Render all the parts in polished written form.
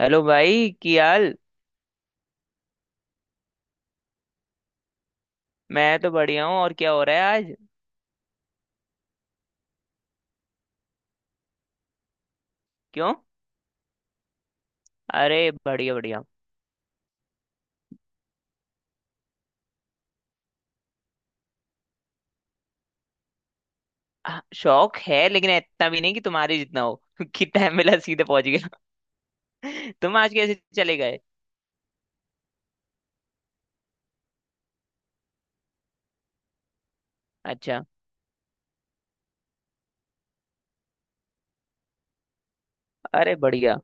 Hello भाई। की हाल? मैं तो बढ़िया हूँ। और क्या हो रहा है आज? क्यों? अरे बढ़िया बढ़िया। हाँ, शौक है लेकिन इतना भी नहीं कि तुम्हारे जितना हो। कि टाइम मिला सीधे पहुंच गया। तुम आज कैसे चले गए? अच्छा। अरे बढ़िया।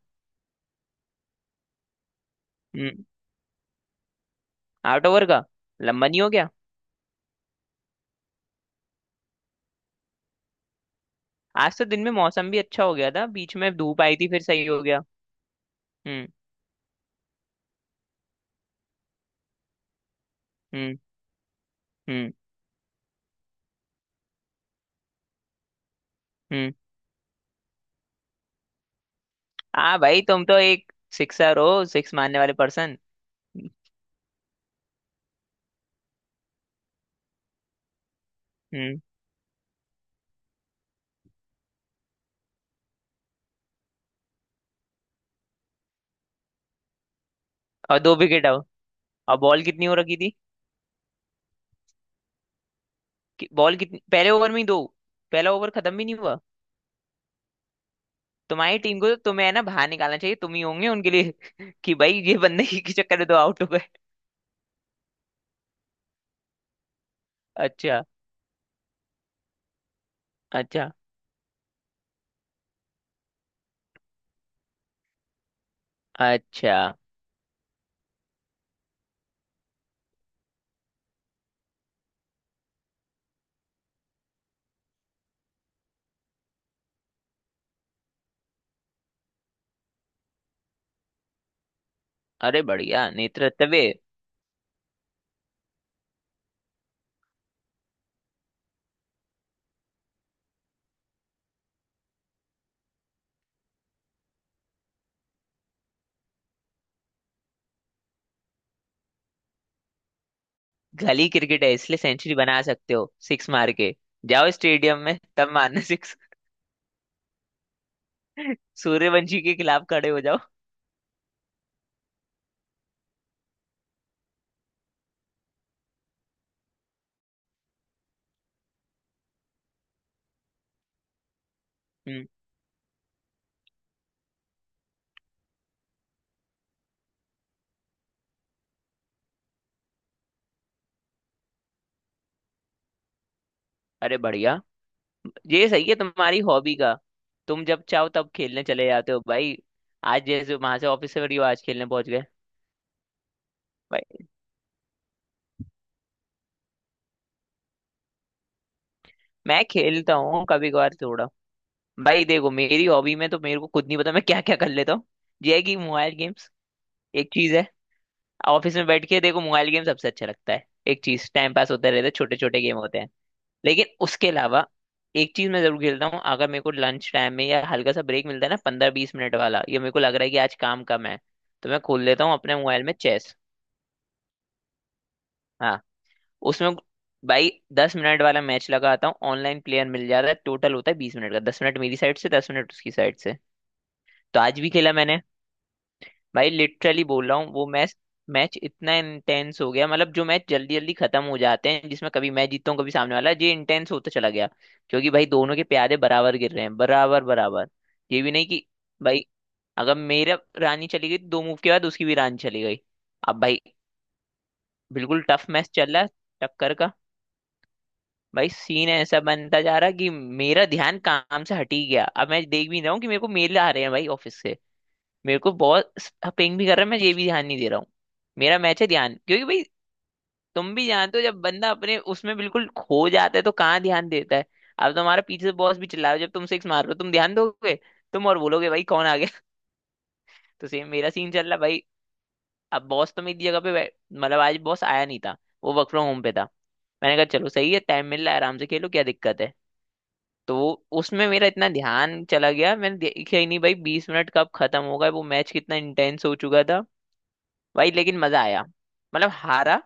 हम्म। आउट ओवर का? लंबा नहीं हो गया? आज तो दिन में मौसम भी अच्छा हो गया था, बीच में धूप आई थी फिर सही हो गया। हम्म। हम्म। हम्म। हम्म। हाँ भाई, तुम तो एक सिक्सर हो, सिक्स मारने वाले पर्सन। हम्म। और दो विकेट हो? और बॉल कितनी हो रखी थी? कि बॉल कितनी? पहले ओवर में ही दो? पहला ओवर खत्म भी नहीं हुआ? तुम्हारी टीम को तो तुम्हें है ना बाहर निकालना चाहिए, तुम ही होंगे उनके लिए। कि भाई ये बंदे के चक्कर में तो आउट हो गए। अच्छा। अच्छा। अच्छा। अरे बढ़िया नेत्र तबे। गली क्रिकेट है इसलिए सेंचुरी बना सकते हो सिक्स मार के। जाओ स्टेडियम में तब मारना सिक्स। सूर्यवंशी के खिलाफ खड़े हो जाओ। हम्म। अरे बढ़िया। ये सही है तुम्हारी हॉबी का। तुम जब चाहो तब खेलने चले जाते हो भाई। आज जैसे वहां से ऑफिस से फ्री हो आज खेलने पहुंच गए। भाई मैं खेलता हूँ कभी कभार थोड़ा। भाई देखो मेरी हॉबी में तो मेरे को खुद नहीं पता मैं क्या क्या कर लेता हूँ। ये है कि मोबाइल गेम्स एक चीज है। ऑफिस में बैठ के देखो मोबाइल गेम सबसे अच्छा लगता है। एक चीज टाइम पास होता रहता है, छोटे छोटे गेम होते हैं। लेकिन उसके अलावा एक चीज मैं जरूर खेलता हूँ, अगर मेरे को लंच टाइम में या हल्का सा ब्रेक मिलता है ना, पंद्रह बीस मिनट वाला, ये मेरे को लग रहा है कि आज काम कम है, तो मैं खोल लेता हूँ अपने मोबाइल में चेस। हाँ, उसमें भाई दस मिनट वाला मैच लगाता हूँ, ऑनलाइन प्लेयर मिल जाता है, टोटल होता है बीस मिनट का, दस मिनट मेरी साइड से दस मिनट उसकी साइड से। तो आज भी खेला मैंने। भाई लिटरली बोल रहा हूँ वो मैच, मैच इतना इंटेंस हो गया, मतलब जो मैच जल्दी जल्दी खत्म हो जाते हैं जिसमें कभी मैं जीतता हूँ कभी सामने वाला, ये इंटेंस होता चला गया। क्योंकि भाई दोनों के प्यादे बराबर गिर रहे हैं, बराबर बराबर। ये भी नहीं कि भाई अगर मेरा रानी चली गई तो दो मूव के बाद उसकी भी रानी चली गई। अब भाई बिल्कुल टफ मैच चल रहा है, टक्कर का। भाई सीन ऐसा बनता जा रहा कि मेरा ध्यान काम से हट ही गया। अब मैं देख भी रहा हूँ कि मेरे को मेल आ रहे हैं भाई ऑफिस से, मेरे को बहुत पिंग भी कर रहा है, मैं ये भी ध्यान नहीं दे रहा हूँ। मेरा मैच है ध्यान, क्योंकि भाई तुम भी जानते हो जब बंदा अपने उसमें बिल्कुल खो जाता है तो कहाँ ध्यान देता है। अब तुम्हारा पीछे से बॉस भी चिल्ला रहा है जब तुम सिक्स मार रहे हो, तुम ध्यान दोगे? तुम और बोलोगे भाई कौन आ गया। तो सेम मेरा सीन चल रहा है भाई। अब बॉस तो मेरी जगह पे मतलब आज बॉस आया नहीं था, वो वर्क फ्रॉम होम पे था। मैंने कहा चलो सही है, टाइम मिल रहा है आराम से खेलो, क्या दिक्कत है। तो वो उसमें मेरा इतना ध्यान चला गया, मैंने देखा ही नहीं भाई बीस मिनट कब खत्म होगा, वो मैच कितना इंटेंस हो चुका था। भाई लेकिन मजा आया। मतलब हारा,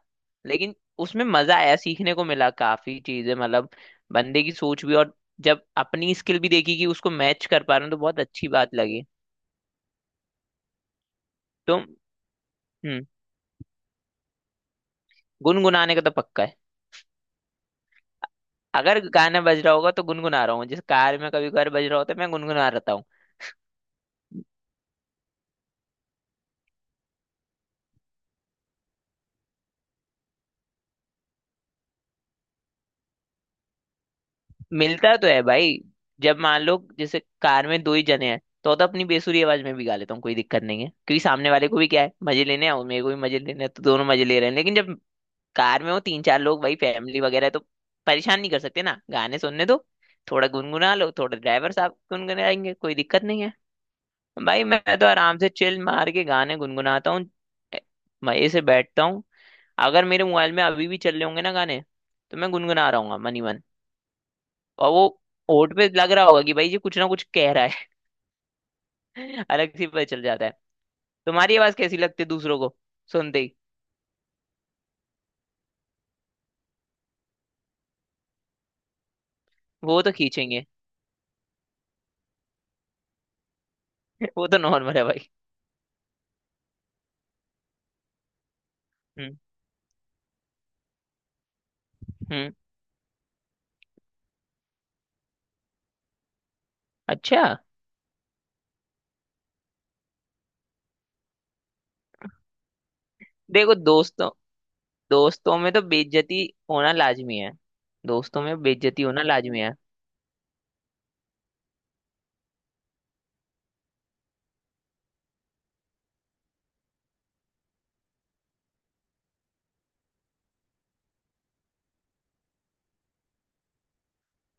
लेकिन उसमें मजा आया, सीखने को मिला काफी चीजें, मतलब बंदे की सोच भी, और जब अपनी स्किल भी देखी कि उसको मैच कर पा रहे हो तो बहुत अच्छी बात लगी। तो हम्म, गुनगुनाने का तो पक्का है। अगर गाना बज रहा होगा तो गुनगुना रहा हूँ, जिस कार में कभी कभार बज रहा होता है मैं गुनगुना रहता। मिलता तो है भाई। जब मान लो जैसे कार में दो ही जने हैं तो अपनी बेसुरी आवाज में भी गा लेता हूँ, कोई दिक्कत नहीं है, क्योंकि सामने वाले को भी क्या है मजे लेने हैं और मेरे को भी मजे लेने हैं, तो दोनों मजे ले रहे हैं। लेकिन जब कार में हो तीन चार लोग भाई, फैमिली वगैरह है, तो परेशान नहीं कर सकते ना, गाने सुनने दो। थोड़ा गुनगुना लो, थोड़ा ड्राइवर साहब गुनगुनाएंगे कोई दिक्कत नहीं है। भाई मैं तो आराम से चिल मार के गाने गुनगुनाता हूँ। ए, मजे से बैठता हूँ। अगर मेरे मोबाइल में अभी भी चल रहे होंगे ना गाने तो मैं गुनगुना रहा हूँ मनी मन। और वो होंठ पे लग रहा होगा कि भाई ये कुछ ना कुछ कह रहा है। अलग से पता चल जाता है तुम्हारी आवाज कैसी लगती है दूसरों को सुनते ही। वो तो खींचेंगे। वो तो नॉर्मल है भाई। हम्म। हम्म। अच्छा। देखो दोस्तों, दोस्तों में तो बेइज्जती होना लाजमी है। दोस्तों में बेइज्जती होना लाजमी है।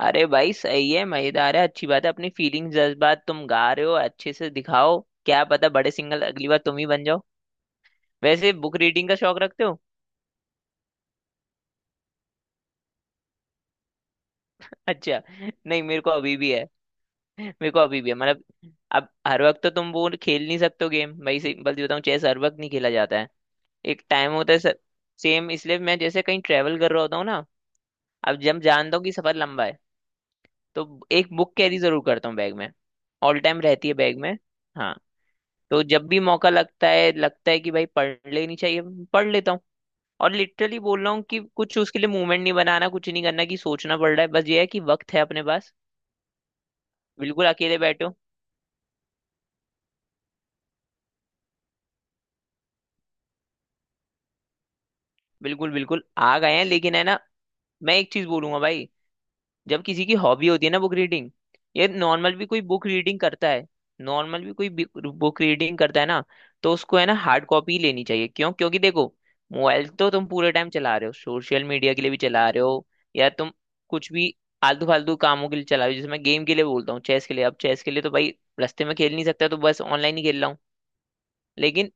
अरे भाई सही है, मजेदार है, अच्छी बात है। अपनी फीलिंग्स, जज्बात तुम गा रहे हो अच्छे से दिखाओ। क्या पता बड़े सिंगर अगली बार तुम ही बन जाओ। वैसे बुक रीडिंग का शौक रखते हो? अच्छा। नहीं, मेरे को अभी भी है। मेरे को अभी भी है। मतलब अब हर वक्त तो तुम वो खेल नहीं सकते हो गेम भाई, सिंपल सी बताऊं चेस हर वक्त नहीं खेला जाता है। एक टाइम होता है सर। सेम इसलिए मैं जैसे कहीं ट्रेवल कर रहा होता हूँ ना, अब जब जानता हूँ कि सफर लंबा है तो एक बुक कैरी जरूर करता हूँ बैग में। ऑल टाइम रहती है बैग में। हाँ, तो जब भी मौका लगता है कि भाई पढ़ लेनी चाहिए, पढ़ लेता हूँ। और लिटरली बोल रहा हूँ कि कुछ उसके लिए मूवमेंट नहीं बनाना, कुछ नहीं करना कि सोचना पड़ रहा है, बस ये है कि वक्त है अपने पास। बिल्कुल अकेले बैठो। बिल्कुल बिल्कुल आ गए हैं लेकिन है ना। मैं एक चीज बोलूंगा भाई। जब किसी की हॉबी होती है ना बुक रीडिंग, ये नॉर्मल भी कोई बुक रीडिंग करता है, नॉर्मल भी कोई बुक रीडिंग करता है ना, तो उसको है ना हार्ड कॉपी लेनी चाहिए। क्यों? क्योंकि देखो मोबाइल तो तुम पूरे टाइम चला रहे हो, सोशल मीडिया के लिए भी चला रहे हो, या तुम कुछ भी आलतू फालतू कामों के लिए चला रहे हो। जैसे मैं गेम के लिए बोलता हूँ, चेस के लिए। अब चेस के लिए तो भाई रास्ते में खेल नहीं सकता, तो बस ऑनलाइन ही खेल रहा हूँ। लेकिन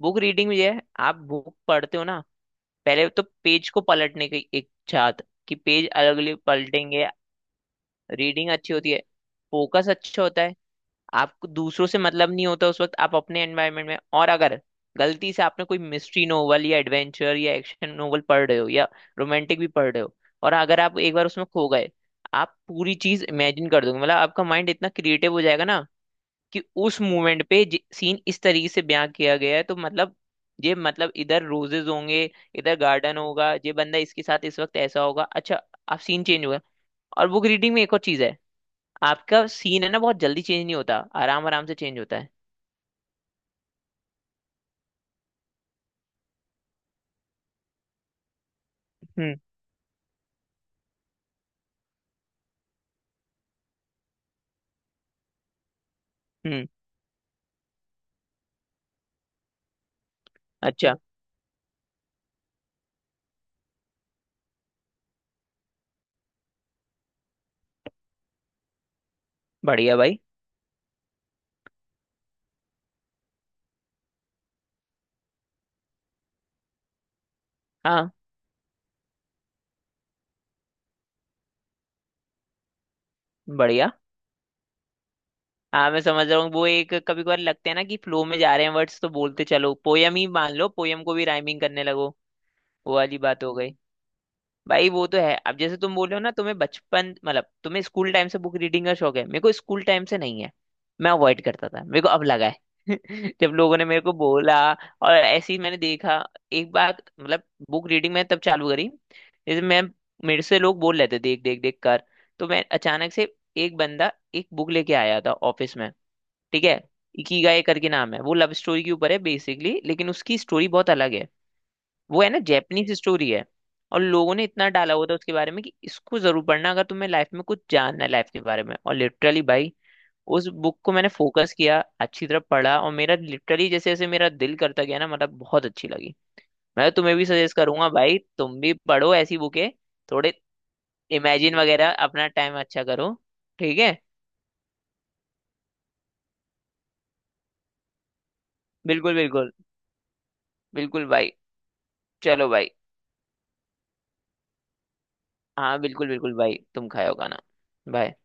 बुक रीडिंग में ये है, आप बुक पढ़ते हो ना, पहले तो पेज को पलटने की इच्छा कि पेज अलग अलग पलटेंगे। रीडिंग अच्छी होती है, फोकस अच्छा होता है। आपको दूसरों से मतलब नहीं होता उस वक्त, आप अपने एनवायरनमेंट में। और अगर गलती से आपने कोई मिस्ट्री नोवेल या एडवेंचर या एक्शन नोवेल पढ़ रहे हो, या रोमांटिक भी पढ़ रहे हो, और अगर आप एक बार उसमें खो गए, आप पूरी चीज इमेजिन कर दोगे। मतलब आपका माइंड इतना क्रिएटिव हो जाएगा ना कि उस मोमेंट पे सीन इस तरीके से बयां किया गया है तो मतलब, ये मतलब इधर रोजेज होंगे, इधर गार्डन होगा, ये बंदा इसके साथ इस वक्त ऐसा होगा। अच्छा, आप सीन चेंज होगा। और बुक रीडिंग में एक और चीज है, आपका सीन है ना बहुत जल्दी चेंज नहीं होता, आराम आराम से चेंज होता है। हम्म। हम्म। अच्छा। बढ़िया भाई। हाँ। बढ़िया। हाँ मैं समझ रहा हूँ, वो एक कभी कभार लगते हैं ना कि फ्लो में जा रहे हैं वर्ड्स, तो बोलते चलो पोयम ही मान लो, पोयम को भी राइमिंग करने लगो। वो वाली बात हो गई। भाई वो तो है, अब जैसे तुम बोल रहे हो ना तुम्हें बचपन मतलब तुम्हें स्कूल टाइम से बुक रीडिंग का शौक है, मेरे को स्कूल टाइम से नहीं है। मैं अवॉइड करता था, मेरे को अब लगा है। जब लोगों ने मेरे को बोला और ऐसे ही मैंने देखा एक बार मतलब बुक रीडिंग मैंने तब चालू करी, जैसे मैं, मेरे से लोग बोल रहे थे देख देख देख कर। तो मैं अचानक से, एक बंदा एक बुक लेके आया था ऑफिस में। ठीक है, इकिगाई करके नाम है। वो लव स्टोरी के ऊपर है बेसिकली, लेकिन उसकी स्टोरी बहुत अलग है। वो है ना जैपनीज स्टोरी है। और लोगों ने इतना डाला हुआ था उसके बारे में कि इसको जरूर पढ़ना अगर तुम्हें लाइफ में कुछ जानना है लाइफ के बारे में। और लिटरली भाई उस बुक को मैंने फोकस किया, अच्छी तरह पढ़ा, और मेरा लिटरली जैसे जैसे मेरा दिल करता गया ना, मतलब बहुत अच्छी लगी। मैं तो तुम्हें भी सजेस्ट करूंगा भाई, तुम भी पढ़ो ऐसी बुकें, थोड़े इमेजिन वगैरह, अपना टाइम अच्छा करो। ठीक है। बिल्कुल बिल्कुल। बिल्कुल भाई। चलो भाई। हाँ बिल्कुल बिल्कुल भाई, तुम खाओ खाना। बाय।